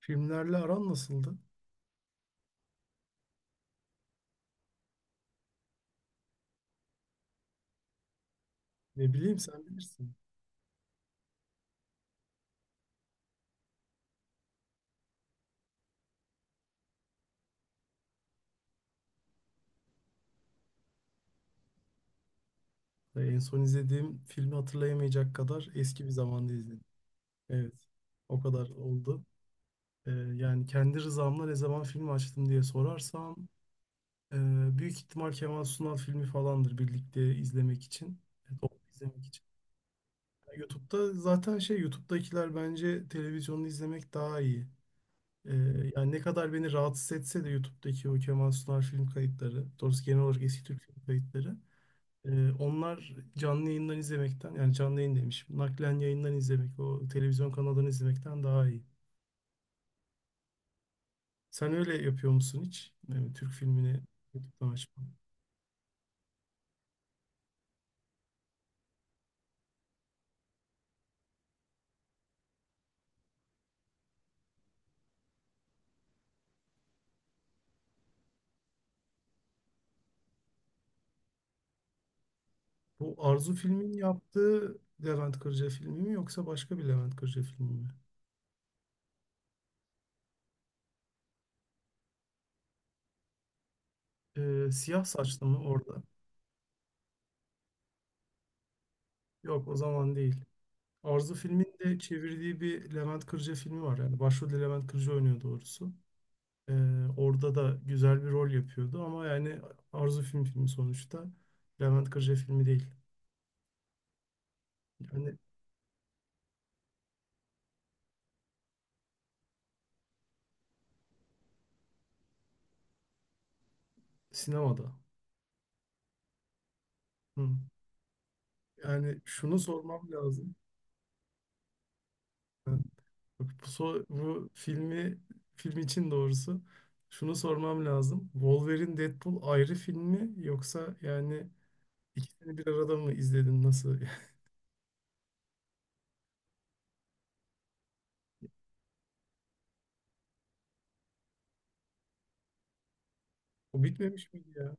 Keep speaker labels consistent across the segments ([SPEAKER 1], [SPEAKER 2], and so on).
[SPEAKER 1] Filmlerle aran nasıldı? Ne bileyim, sen bilirsin. En son izlediğim filmi hatırlayamayacak kadar eski bir zamanda izledim. Evet, o kadar oldu. Ee, yani kendi rızamla ne zaman film açtım diye sorarsam e, büyük ihtimal Kemal Sunal filmi falandır, birlikte izlemek için. E, Toplu izlemek için. Yani YouTube'da zaten şey, YouTube'dakiler bence televizyonda izlemek daha iyi. Ee, yani ne kadar beni rahatsız etse de YouTube'daki o Kemal Sunal film kayıtları, doğrusu genel olarak eski Türk film kayıtları, onlar canlı yayından izlemekten, yani canlı yayın demişim, naklen yayından izlemek o televizyon kanalından izlemekten daha iyi. Sen öyle yapıyor musun hiç? Yani Türk filmini YouTube'dan açma. Bu Arzu filmin yaptığı Levent Kırca filmi mi yoksa başka bir Levent Kırca filmi mi? Siyah Saçlı mı orada? Yok, o zaman değil. Arzu filmin de çevirdiği bir Levent Kırca filmi var. Yani başrolde Levent Kırca oynuyor doğrusu. Orada da güzel bir rol yapıyordu ama yani Arzu film filmi sonuçta. Levent Kırca filmi değil. Yani sinemada. Hı. Yani şunu sormam lazım. Ha, bak bu, bu filmi, film için doğrusu şunu sormam lazım. Wolverine Deadpool ayrı film mi, yoksa yani ikisini bir arada mı izledin, nasıl? O bitmemiş miydi ya?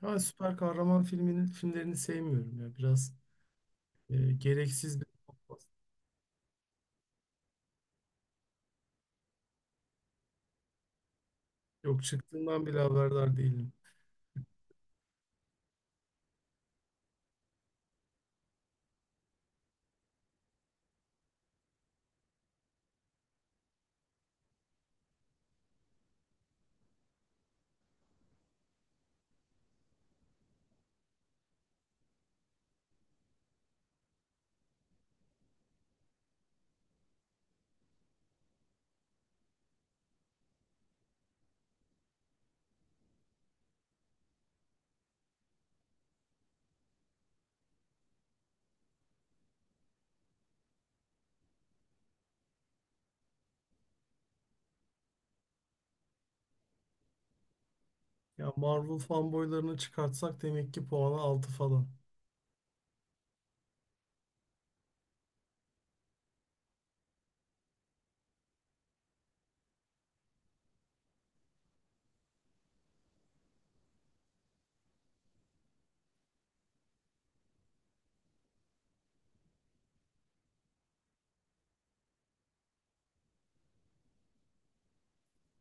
[SPEAKER 1] Ha, süper kahraman filmlerini sevmiyorum ya. Biraz gereksiz bir. Yok, çıktığından bile haberdar değilim. Ya Marvel fanboylarını çıkartsak demek ki puanı 6 falan.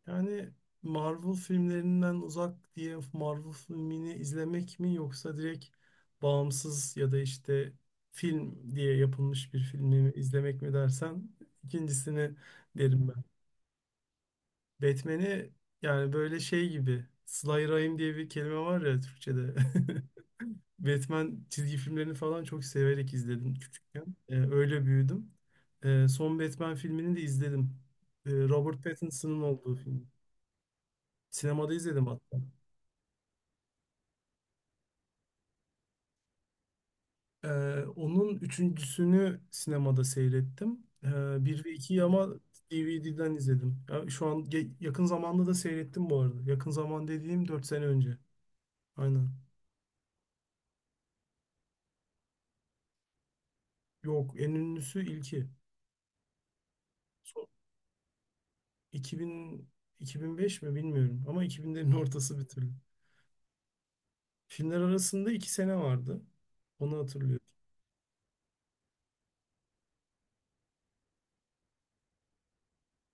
[SPEAKER 1] Yani Marvel filmlerinden uzak diye Marvel filmini izlemek mi, yoksa direkt bağımsız ya da işte film diye yapılmış bir filmi mi izlemek mi dersen, ikincisini derim ben. Batman'i yani böyle şey gibi, Slayer'ayım diye bir kelime var ya Türkçe'de. Batman çizgi filmlerini falan çok severek izledim küçükken. Öyle büyüdüm. Son Batman filmini de izledim. Robert Pattinson'ın olduğu film. Sinemada izledim hatta. Ee, onun üçüncüsünü sinemada seyrettim. Bir ve ikiyi ama DVD'den izledim. Ya, şu an yakın zamanda da seyrettim bu arada. Yakın zaman dediğim 4 sene önce. Aynen. Yok, en ünlüsü ilki. Son 2000, 2005 mi bilmiyorum ama 2000'lerin ortası bir türlü. Filmler arasında 2 sene vardı. Onu hatırlıyorum.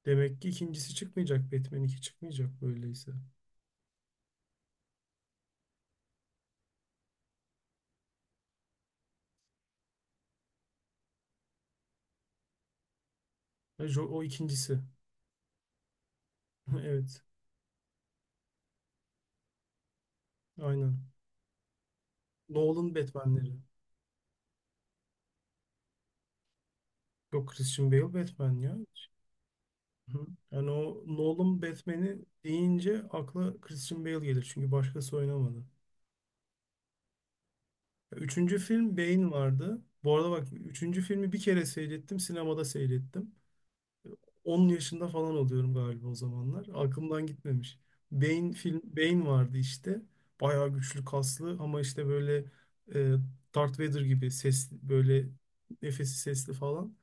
[SPEAKER 1] Demek ki ikincisi çıkmayacak. Batman 2 çıkmayacak böyleyse. Hayır, O o ikincisi. Evet. Aynen. Nolan Batman'leri. Yok, Christian Bale Batman ya. Hı. Yani o Nolan Batman'i deyince akla Christian Bale gelir. Çünkü başkası oynamadı. Üçüncü film Bane vardı. Bu arada bak, üçüncü filmi bir kere seyrettim. Sinemada seyrettim. 10 yaşında falan oluyorum galiba o zamanlar. Aklımdan gitmemiş. Bane film, Bane vardı işte. Bayağı güçlü, kaslı ama işte böyle e, Darth Vader gibi ses, böyle nefesi sesli falan.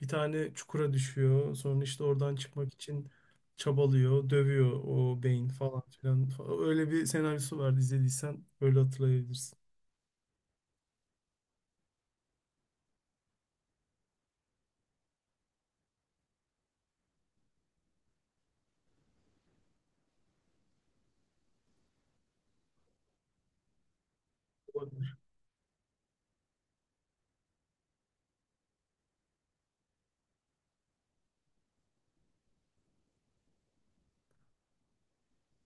[SPEAKER 1] Bir tane çukura düşüyor. Sonra işte oradan çıkmak için çabalıyor, dövüyor o Bane falan filan. Öyle bir senaryosu vardı, izlediysen öyle hatırlayabilirsin.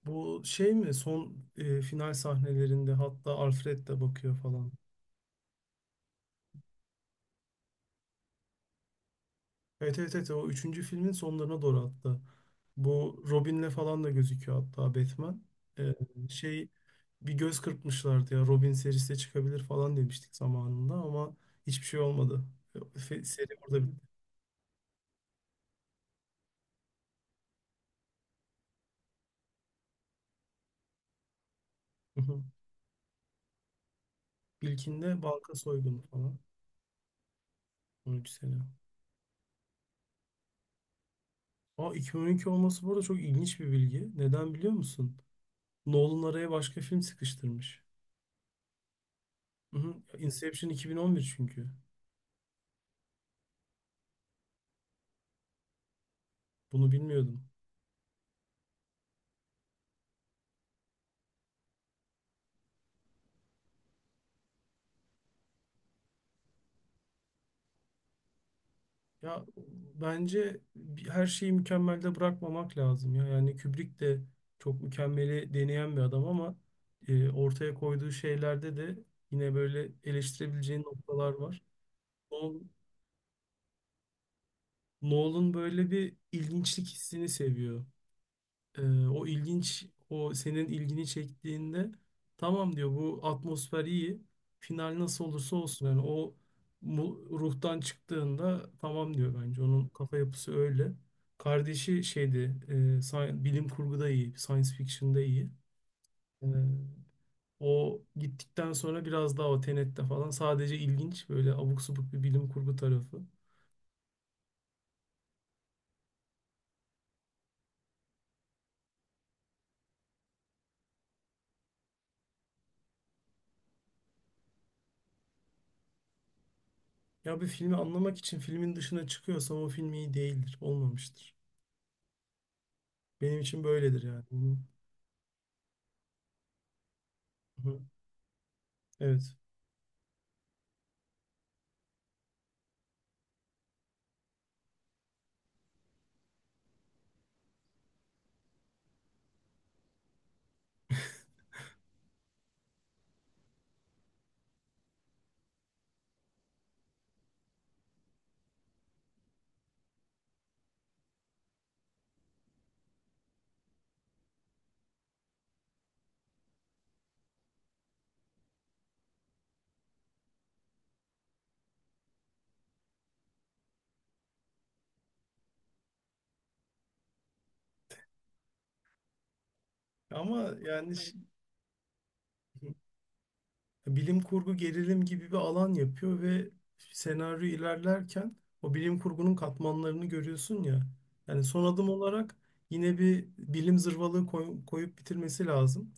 [SPEAKER 1] Bu şey mi, son final sahnelerinde, hatta Alfred de bakıyor falan. Evet evet evet, o üçüncü filmin sonlarına doğru hatta. Bu Robin'le falan da gözüküyor hatta Batman. Ee, şey bir göz kırpmışlardı ya, Robin serisi de çıkabilir falan demiştik zamanında ama hiçbir şey olmadı. Seri orada bitti. İlkinde banka soygunu falan. 13 sene. Aa, 2012 olması bu arada çok ilginç bir bilgi. Neden biliyor musun? Nolan araya başka film sıkıştırmış. Hı hı. Inception 2011 çünkü. Bunu bilmiyordum. Ya bence her şeyi mükemmelde bırakmamak lazım ya. Yani Kubrick de çok mükemmeli deneyen bir adam ama ortaya koyduğu şeylerde de yine böyle eleştirebileceğin noktalar var. Nolan Nolan böyle bir ilginçlik hissini seviyor. O ilginç, o senin ilgini çektiğinde tamam diyor, bu atmosfer iyi. Final nasıl olursa olsun, yani o ruhtan çıktığında tamam diyor bence. Onun kafa yapısı öyle. Kardeşi şeydi, e, bilim kurguda iyi, science fiction'da iyi. Ee, o gittikten sonra biraz daha o Tenet'te falan sadece ilginç, böyle abuk subuk bir bilim kurgu tarafı. Ya bir filmi anlamak için filmin dışına çıkıyorsam o film iyi değildir, olmamıştır. Benim için böyledir yani. Hı. Evet. Ama yani bilim kurgu gerilim gibi bir alan yapıyor ve senaryo ilerlerken o bilim kurgunun katmanlarını görüyorsun ya. Yani son adım olarak yine bir bilim zırvalığı koyup bitirmesi lazım.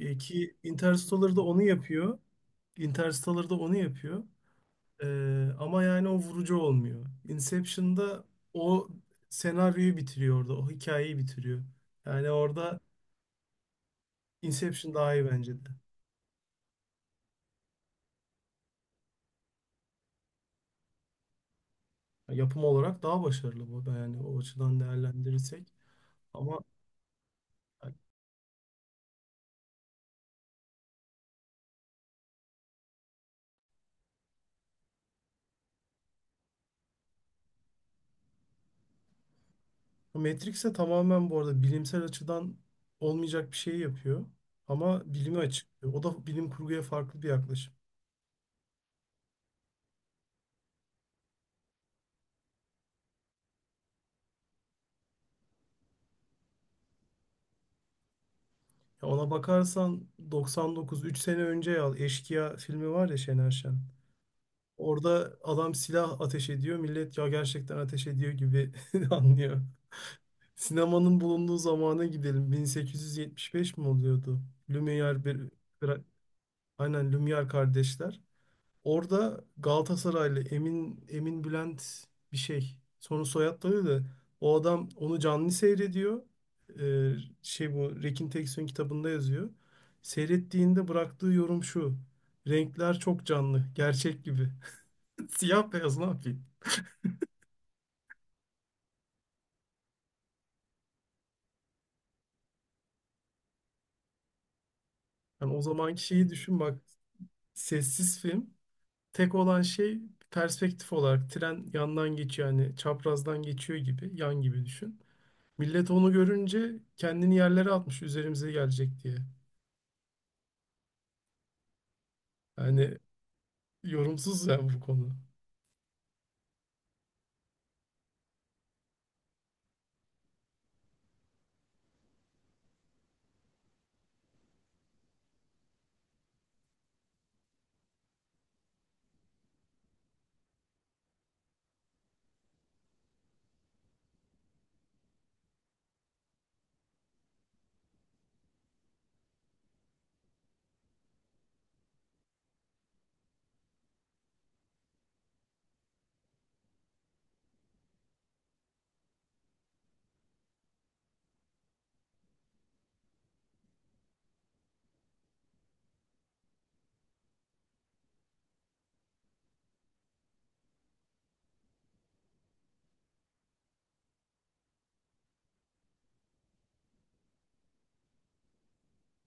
[SPEAKER 1] E, ki Interstellar da onu yapıyor. Interstellar da onu yapıyor. E, ama yani o vurucu olmuyor. Inception'da o senaryoyu bitiriyor orada. O hikayeyi bitiriyor. Yani orada Inception daha iyi bence de. Yapım olarak daha başarılı bu, yani o açıdan değerlendirirsek. Ama Matrix'e tamamen bu arada bilimsel açıdan olmayacak bir şey yapıyor. Ama bilimi açıklıyor. O da bilim kurguya farklı bir yaklaşım. Ya ona bakarsan 99, 3 sene önce ya, Eşkıya filmi var ya, Şener Şen. Orada adam silah ateş ediyor. Millet ya gerçekten ateş ediyor gibi anlıyor. Sinemanın bulunduğu zamana gidelim. 1875 mi oluyordu? Lumière bir Aynen, Lumière kardeşler. Orada Galatasaraylı Emin Bülent bir şey. Sonra soyadları da, o adam onu canlı seyrediyor. Ee, bu Rekin Teksoy'un kitabında yazıyor. Seyrettiğinde bıraktığı yorum şu: renkler çok canlı, gerçek gibi. Siyah beyaz, ne yapayım? Yani o zamanki şeyi düşün bak. Sessiz film. Tek olan şey, perspektif olarak tren yandan geçiyor yani çaprazdan geçiyor gibi, yan gibi düşün. Millet onu görünce kendini yerlere atmış, üzerimize gelecek diye. Yani yorumsuz ya bu konu.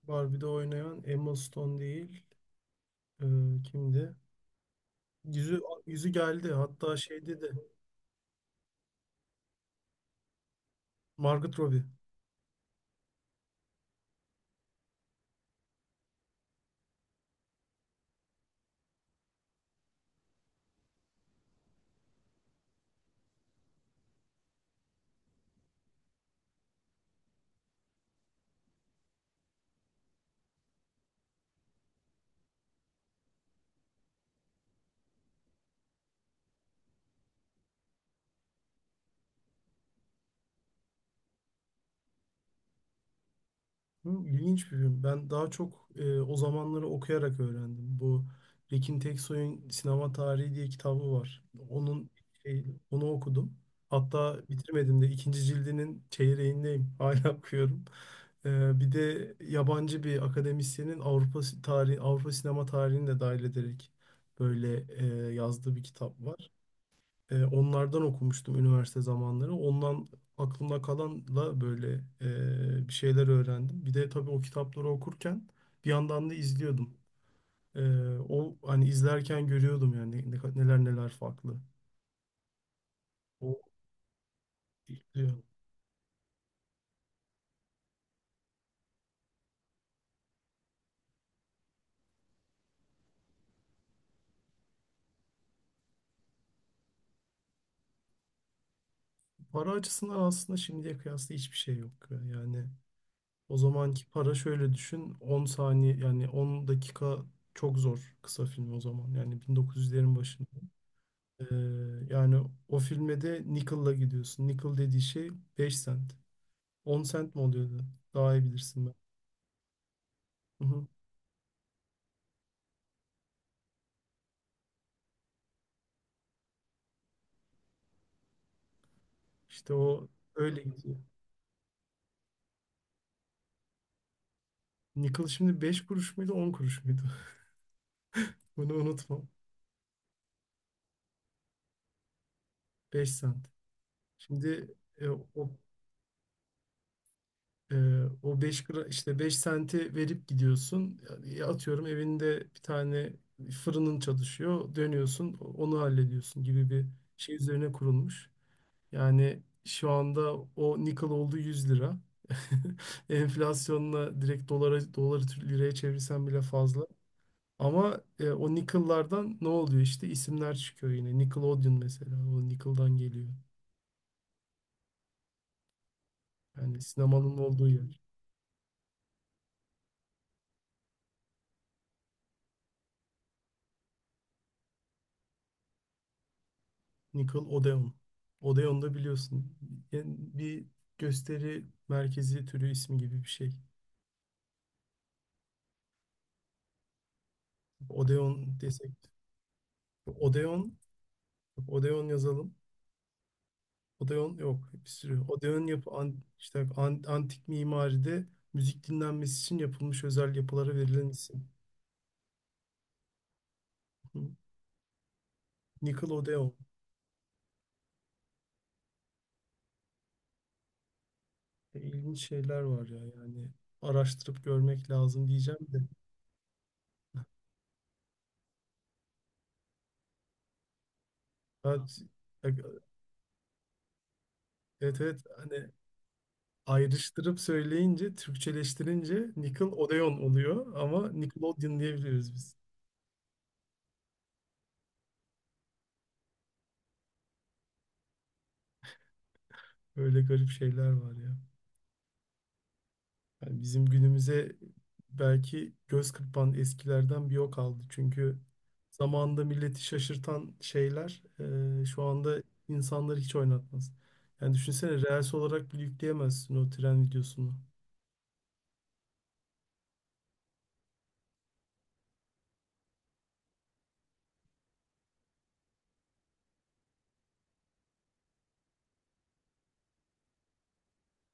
[SPEAKER 1] Barbie'de oynayan Emma Stone değil. e, kimdi? Yüzü, yüzü geldi. Hatta şeyde de Margot Robbie. Hı, İlginç bir film. Ben daha çok o zamanları okuyarak öğrendim. Tekin Teksoy'un Sinema Tarihi diye kitabı var. Onun şey, onu okudum. Hatta bitirmedim de, ikinci cildinin çeyreğindeyim. Hala okuyorum. Bir de yabancı bir akademisyenin Avrupa tarihi, Avrupa sinema tarihini de dahil ederek böyle yazdığı bir kitap var. Onlardan okumuştum üniversite zamanları. Ondan aklımda kalanla böyle bir şeyler öğrendim. Bir de tabii o kitapları okurken bir yandan da izliyordum. E, o hani izlerken görüyordum yani neler neler farklı. O izliyor. Para açısından aslında şimdiye kıyasla hiçbir şey yok. Yani o zamanki para şöyle düşün, 10 saniye yani 10 dakika çok zor, kısa film o zaman. Yani 1900'lerin başında. Ee, yani o filme de nickel'la gidiyorsun. Nickel dediği şey 5 sent, 10 sent mi oluyordu? Daha iyi bilirsin ben. Hı hı. İşte o öyle gidiyor. Nickel şimdi 5 kuruş muydu, 10 kuruş muydu? Bunu unutma. 5 sent. Şimdi e, o e, o işte 5 senti verip gidiyorsun. Yani atıyorum evinde bir tane fırının çalışıyor. Dönüyorsun, onu hallediyorsun gibi bir şey üzerine kurulmuş. Yani şu anda o nickel oldu 100 lira. Enflasyonla direkt dolara, doları liraya çevirsen bile fazla. Ama o nickel'lardan ne oluyor işte, isimler çıkıyor yine. Nickelodeon mesela, o nickel'dan geliyor. Yani sinemanın olduğu yer. Nickelodeon. Odeon da biliyorsun, yani bir gösteri merkezi türü ismi gibi bir şey. Odeon desek. Odeon, Odeon yazalım. Odeon yok bir sürü. Odeon yapı, antik mimaride müzik dinlenmesi için yapılmış özel yapılara verilen isim. Hı. Nickelodeon. İlginç şeyler var ya yani. Araştırıp görmek lazım diyeceğim de. Ben, evet evet, hani ayrıştırıp söyleyince, Türkçeleştirince Nickelodeon oluyor ama Nickelodeon diyebiliyoruz biz. Böyle garip şeyler var ya. Yani bizim günümüze belki göz kırpan eskilerden bir o kaldı. Çünkü zamanında milleti şaşırtan şeyler şu anda insanları hiç oynatmaz. Yani düşünsene, reels olarak bile yükleyemezsin o tren videosunu.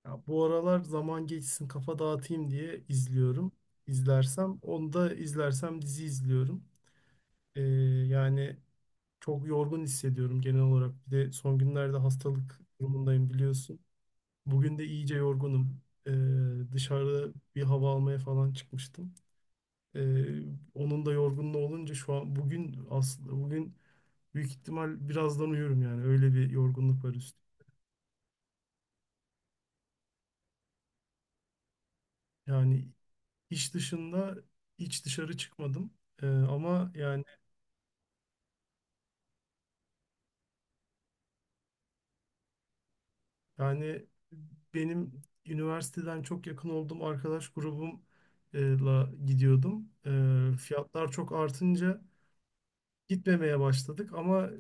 [SPEAKER 1] Ya bu aralar zaman geçsin, kafa dağıtayım diye izliyorum. İzlersem onu da izlersem dizi izliyorum. E, yani çok yorgun hissediyorum genel olarak. Bir de son günlerde hastalık durumundayım, biliyorsun. Bugün de iyice yorgunum. Dışarıda bir hava almaya falan çıkmıştım. Ee, onun da yorgunluğu olunca şu an bugün, aslında bugün büyük ihtimal birazdan uyurum, yani öyle bir yorgunluk var üstü. Yani iş dışında hiç dışarı çıkmadım. Ama yani yani benim üniversiteden çok yakın olduğum arkadaş grubumla gidiyordum. Fiyatlar çok artınca gitmemeye başladık ama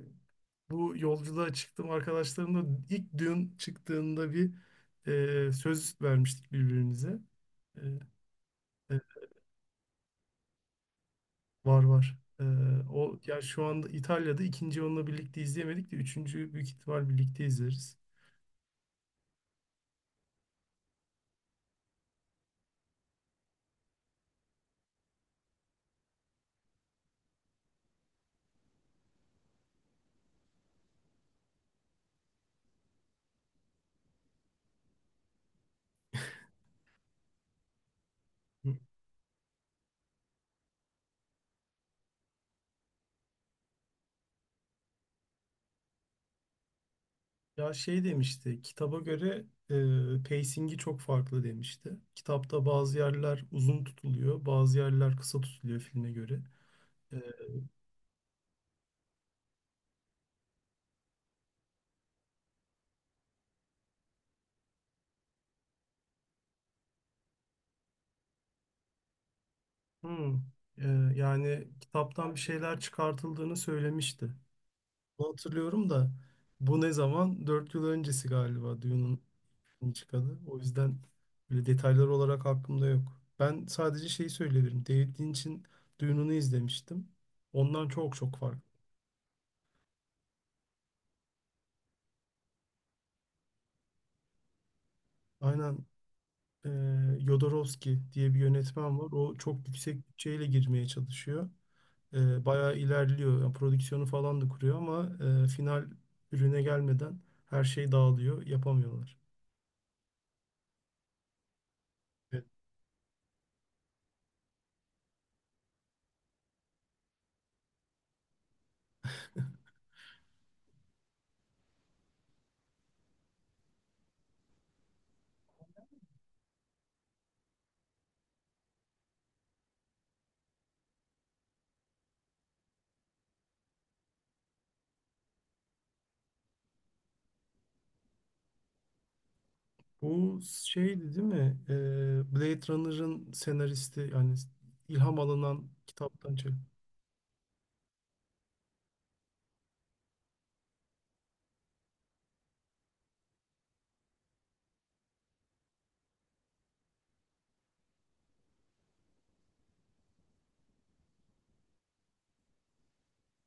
[SPEAKER 1] bu yolculuğa çıktım arkadaşlarımla, ilk düğün çıktığında bir söz vermiştik birbirimize. E, evet, var var. O ya, şu anda İtalya'da. İkinci onunla birlikte izleyemedik de üçüncüyü büyük ihtimal birlikte izleriz. Hı. Ya şey demişti, kitaba göre pacing'i çok farklı demişti. Kitapta bazı yerler uzun tutuluyor, bazı yerler kısa tutuluyor filme göre. E, hmm, e, yani kitaptan bir şeyler çıkartıldığını söylemişti. Bunu hatırlıyorum da, bu ne zaman? 4 yıl öncesi galiba Dune'un filmi çıkalı. O yüzden böyle detaylar olarak aklımda yok. Ben sadece şeyi söyleyebilirim: David Lynch'in Dune'unu izlemiştim. Ondan çok çok farklı. Aynen, e, Jodorowsky diye bir yönetmen var. O çok yüksek bütçeyle girmeye çalışıyor. Bayağı ilerliyor. Yani prodüksiyonu falan da kuruyor ama final ürüne gelmeden her şey dağılıyor. Yapamıyorlar. E, Bu şeydi değil mi? Blade Runner'ın senaristi, yani ilham alınan kitaptan çek.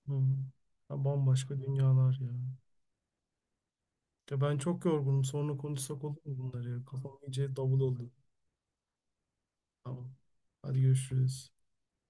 [SPEAKER 1] Hı hı. Ya bambaşka dünyalar ya. Ya ben çok yorgunum. Sonra konuşsak olur mu bunları ya? Kafam iyice davul oldu. Tamam. Hadi görüşürüz.